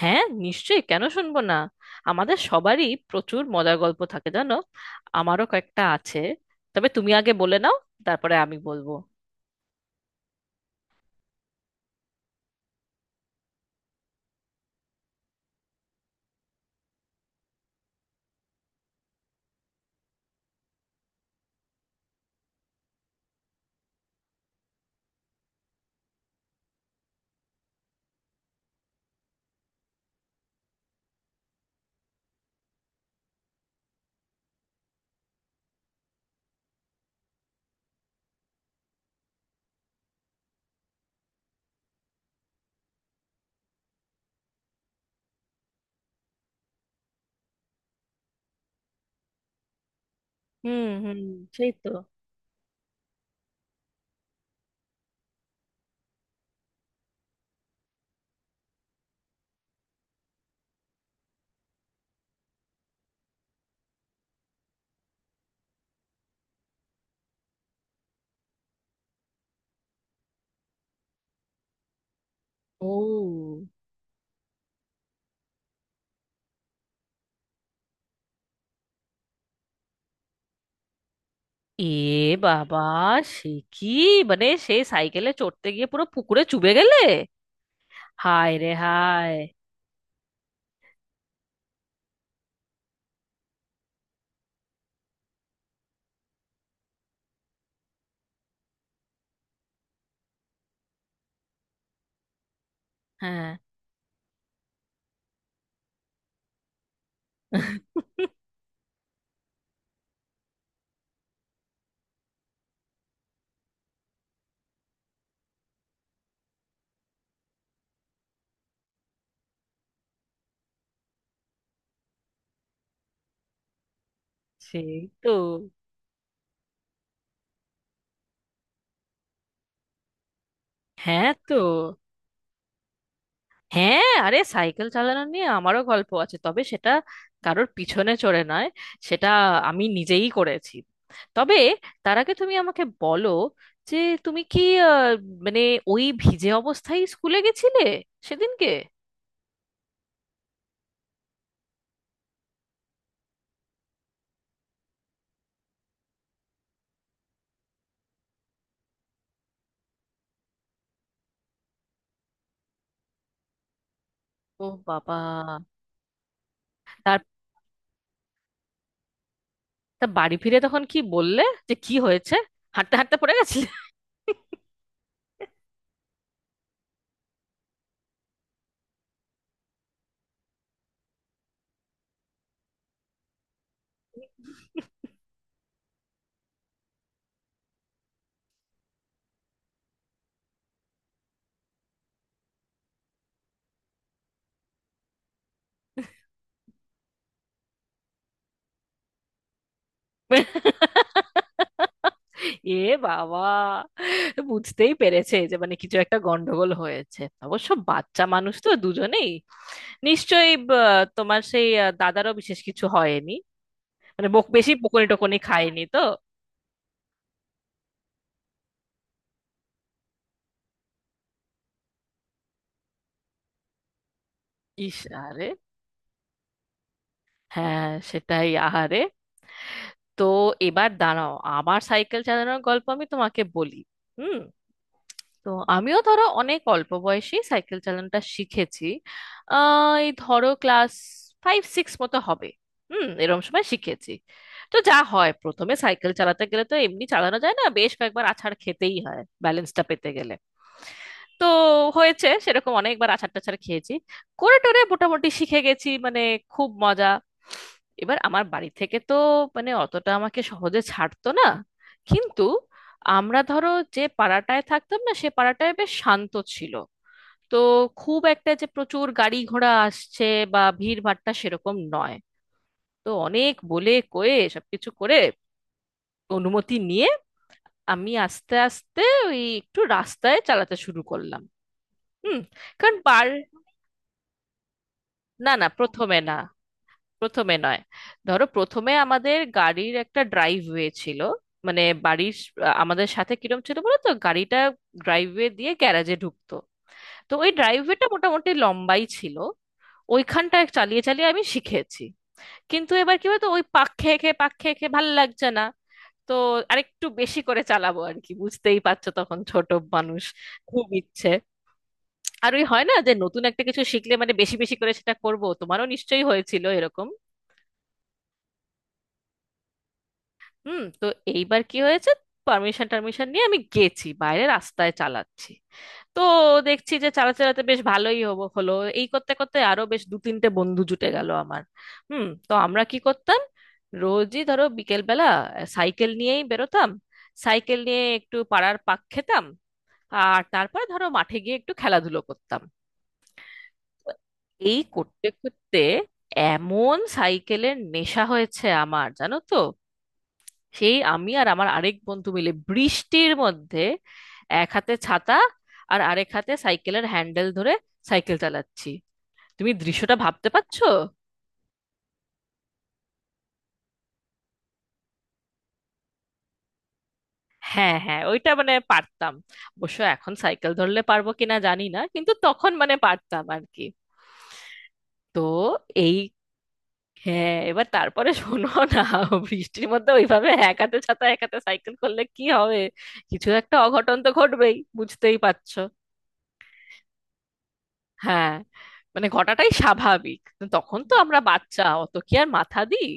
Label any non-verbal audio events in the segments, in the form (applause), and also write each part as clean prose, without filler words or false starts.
হ্যাঁ, নিশ্চয়ই। কেন শুনবো না? আমাদের সবারই প্রচুর মজার গল্প থাকে, জানো। আমারও কয়েকটা আছে, তবে তুমি আগে বলে নাও, তারপরে আমি বলবো। হুম, হুম। সেই তো। ও, এ বাবা! সে কি! মানে সেই সাইকেলে চড়তে গিয়ে পুরো পুকুরে চুবে গেলে? হায় রে হায়! হ্যাঁ। (laughs) সেই তো। হ্যাঁ, তো হ্যাঁ আরে, সাইকেল চালানো নিয়ে আমারও গল্প আছে, তবে সেটা কারোর পিছনে চড়ে নয়। সেটা আমি নিজেই করেছি। তবে তার আগে তুমি আমাকে বলো, যে তুমি কি আহ, মানে ওই ভিজে অবস্থায় স্কুলে গেছিলে সেদিনকে? ও বাবা! তার তা বাড়ি ফিরে তখন কি বললে, যে কি হয়েছে, হাঁটতে হাঁটতে পড়ে গেছিলে? এ বাবা! বুঝতেই পেরেছে যে মানে কিছু একটা গন্ডগোল হয়েছে। অবশ্য বাচ্চা মানুষ তো দুজনেই। নিশ্চয়ই তোমার সেই দাদারও বিশেষ কিছু হয়নি? মানে বক বেশি বকুনি টকুনি খায়নি তো? ইস! আরে হ্যাঁ, সেটাই, আহারে। তো এবার দাঁড়াও, আমার সাইকেল চালানোর গল্প আমি তোমাকে বলি। হুম। তো আমিও ধরো অনেক অল্প বয়সে সাইকেল চালানোটা শিখেছি। আহ, এই ধরো ক্লাস ফাইভ সিক্স মতো হবে। হুম, এরকম সময় শিখেছি। তো যা হয়, প্রথমে সাইকেল চালাতে গেলে তো এমনি চালানো যায় না, বেশ কয়েকবার আছাড় খেতেই হয় ব্যালেন্সটা পেতে গেলে। তো হয়েছে সেরকম, অনেকবার আচার টাচার খেয়েছি। করে টোরে মোটামুটি শিখে গেছি, মানে খুব মজা। এবার আমার বাড়ি থেকে তো মানে অতটা আমাকে সহজে ছাড়তো না, কিন্তু আমরা ধরো যে পাড়াটায় থাকতাম না, সে পাড়াটায় বেশ শান্ত ছিল। তো খুব একটা যে প্রচুর গাড়ি ঘোড়া আসছে বা ভিড় ভাট্টা, সেরকম নয়। তো অনেক বলে কয়ে সবকিছু করে, অনুমতি নিয়ে আমি আস্তে আস্তে ওই একটু রাস্তায় চালাতে শুরু করলাম। হুম, কারণ পার না না, প্রথমে না। প্রথমে নয়। ধরো প্রথমে আমাদের গাড়ির একটা ড্রাইভওয়ে ছিল, মানে আমাদের সাথে কিরম ছিল বলো তো, গাড়িটা ড্রাইভওয়ে দিয়ে গ্যারাজে ঢুকতো। তো ওই ড্রাইভওয়েটা মোটামুটি লম্বাই ছিল, ওইখানটা চালিয়ে চালিয়ে আমি শিখেছি। কিন্তু এবার কি বলতো, ওই পাক খেয়ে খেয়ে পাক খেয়ে খেয়ে ভালো লাগছে না। তো আরেকটু বেশি করে চালাবো আর কি, বুঝতেই পারছো তখন ছোট মানুষ, খুব ইচ্ছে। আর ওই হয় না যে নতুন একটা কিছু শিখলে মানে বেশি বেশি করে সেটা করব, তোমারও নিশ্চয়ই হয়েছিল এরকম। হুম, তো এইবার কি হয়েছে, পারমিশন টারমিশন নিয়ে আমি গেছি বাইরে, রাস্তায় চালাচ্ছি। তো দেখছি যে চালাতে চালাতে বেশ ভালোই হবো হলো। এই করতে করতে আরো বেশ দু তিনটে বন্ধু জুটে গেল আমার। হুম, তো আমরা কি করতাম, রোজই ধরো বিকেলবেলা সাইকেল নিয়েই বেরোতাম। সাইকেল নিয়ে একটু পাড়ার পাক খেতাম, আর তারপরে ধরো মাঠে গিয়ে একটু খেলাধুলো করতাম। তো এই করতে করতে এমন সাইকেলের নেশা হয়েছে আমার, জানো তো, সেই আমি আর আমার আরেক বন্ধু মিলে বৃষ্টির মধ্যে এক হাতে ছাতা আর আরেক হাতে সাইকেলের হ্যান্ডেল ধরে সাইকেল চালাচ্ছি। তুমি দৃশ্যটা ভাবতে পারছো? হ্যাঁ হ্যাঁ, ওইটা মানে পারতাম। অবশ্য এখন সাইকেল ধরলে পারবো কিনা জানি না, কিন্তু তখন মানে পারতাম আর কি। তো এই হ্যাঁ, এবার তারপরে শোনো না, বৃষ্টির মধ্যে ওইভাবে এক হাতে ছাতা এক হাতে সাইকেল করলে কি হবে, কিছু একটা অঘটন তো ঘটবেই, বুঝতেই পারছো। হ্যাঁ, মানে ঘটাটাই স্বাভাবিক, তখন তো আমরা বাচ্চা, অত কি আর মাথা দিই।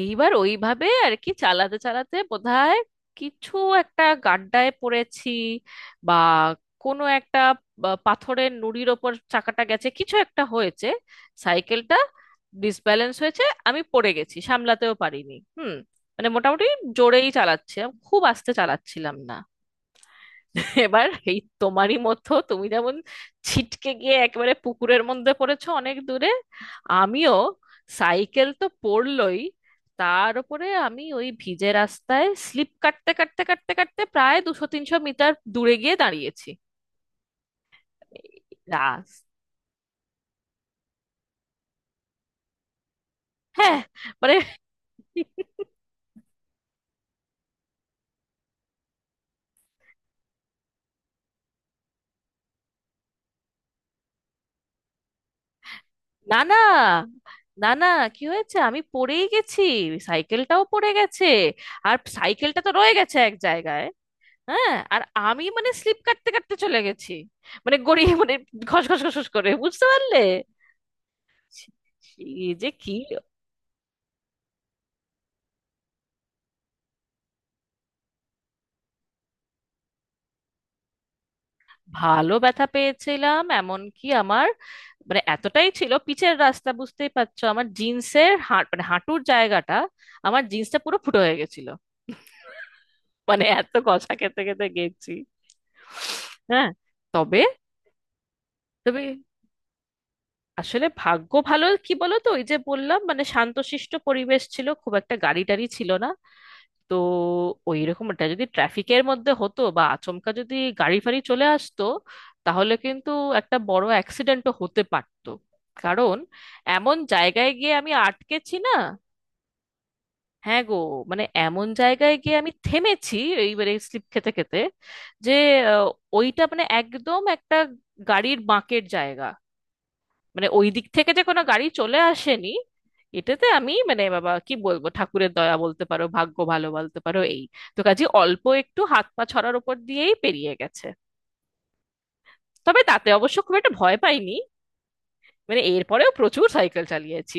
এইবার ওইভাবে আর কি চালাতে চালাতে বোধহয় কিছু একটা গাড্ডায় পড়েছি, বা কোনো একটা, পাথরের নুড়ির ওপর চাকাটা গেছে, কিছু একটা হয়েছে, সাইকেলটা ডিসব্যালেন্স হয়েছে। আমি পড়ে গেছি, সামলাতেও পারিনি। হুম, মানে মোটামুটি জোরেই চালাচ্ছিলাম, খুব আস্তে চালাচ্ছিলাম না। (laughs) এবার এই তোমারই মতো, তুমি যেমন ছিটকে গিয়ে একেবারে পুকুরের মধ্যে পড়েছো অনেক দূরে, আমিও সাইকেল তো পড়লই, তার উপরে আমি ওই ভিজে রাস্তায় স্লিপ কাটতে কাটতে কাটতে কাটতে প্রায় দুশো তিনশো মিটার দূরে গিয়ে দাঁড়িয়েছি। রাস হ্যাঁ মানে না না, না না, কি হয়েছে, আমি পড়েই গেছি, সাইকেলটাও পড়ে গেছে, আর সাইকেলটা তো রয়ে গেছে এক জায়গায়। হ্যাঁ, আর আমি মানে স্লিপ কাটতে কাটতে চলে গেছি, মানে গড়িয়ে মানে ঘস ঘস ঘস ঘস করে, বুঝতে পারলে? সে যে কি! ভালো ব্যথা পেয়েছিলাম, এমনকি আমার মানে এতটাই ছিল পিচের রাস্তা, বুঝতেই পারছো, আমার জিন্সের মানে হাঁটুর জায়গাটা, আমার জিন্সটা পুরো ফুটো হয়ে গেছিল, মানে এত কষা খেতে খেতে গেছি। হ্যাঁ, তবে তবে আসলে ভাগ্য ভালো, কি বলো তো, ওই যে বললাম মানে শান্তশিষ্ট পরিবেশ ছিল, খুব একটা গাড়ি টাড়ি ছিল না। তো ওই রকম এটা যদি ট্রাফিকের মধ্যে হতো, বা আচমকা যদি গাড়ি ফাড়ি চলে আসতো, তাহলে কিন্তু একটা বড় অ্যাক্সিডেন্টও হতে পারতো। কারণ এমন জায়গায় গিয়ে আমি আটকেছি না, হ্যাঁ গো, মানে এমন জায়গায় গিয়ে আমি থেমেছি এইবারে স্লিপ খেতে খেতে, যে আহ, ওইটা মানে একদম একটা গাড়ির বাঁকের জায়গা, মানে ওই দিক থেকে যে কোনো গাড়ি চলে আসেনি, এটাতে আমি মানে বাবা কি বলবো, ঠাকুরের দয়া বলতে পারো, ভাগ্য ভালো বলতে পারো এই। তো কাজে অল্প একটু হাত পা ছড়ার উপর দিয়েই পেরিয়ে গেছে। তবে তাতে অবশ্য খুব একটা ভয় পাইনি, মানে এরপরেও প্রচুর সাইকেল চালিয়েছি।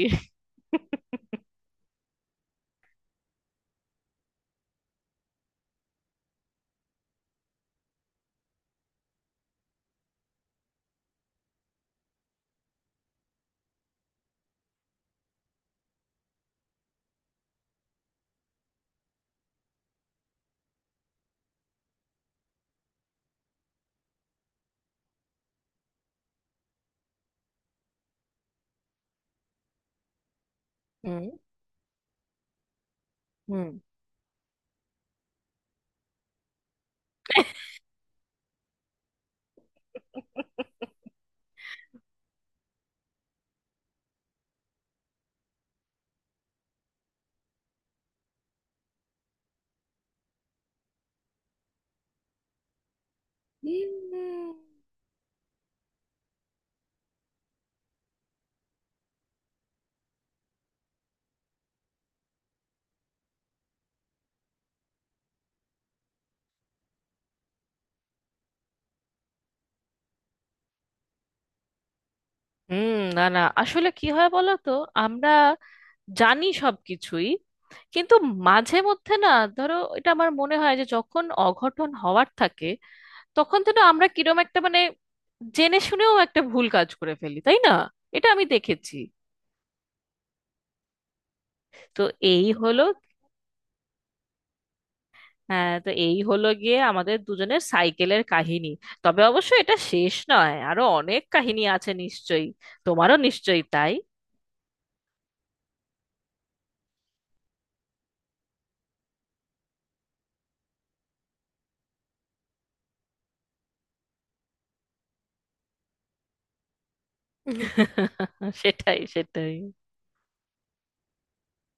হুম, হুম। হুম, হুম, না না, আসলে কি হয় বলো তো, আমরা জানি সবকিছুই, কিন্তু মাঝে মধ্যে না ধরো, এটা আমার মনে হয় যে যখন অঘটন হওয়ার থাকে, তখন যেন আমরা কিরম একটা মানে জেনে শুনেও একটা ভুল কাজ করে ফেলি, তাই না? এটা আমি দেখেছি। তো এই হলো হ্যাঁ, তো এই হলো গিয়ে আমাদের দুজনের সাইকেলের কাহিনী। তবে অবশ্য এটা শেষ নয়, আরো অনেক কাহিনী আছে নিশ্চয়ই, তোমারও নিশ্চয়ই তাই। (laughs) সেটাই, সেটাই।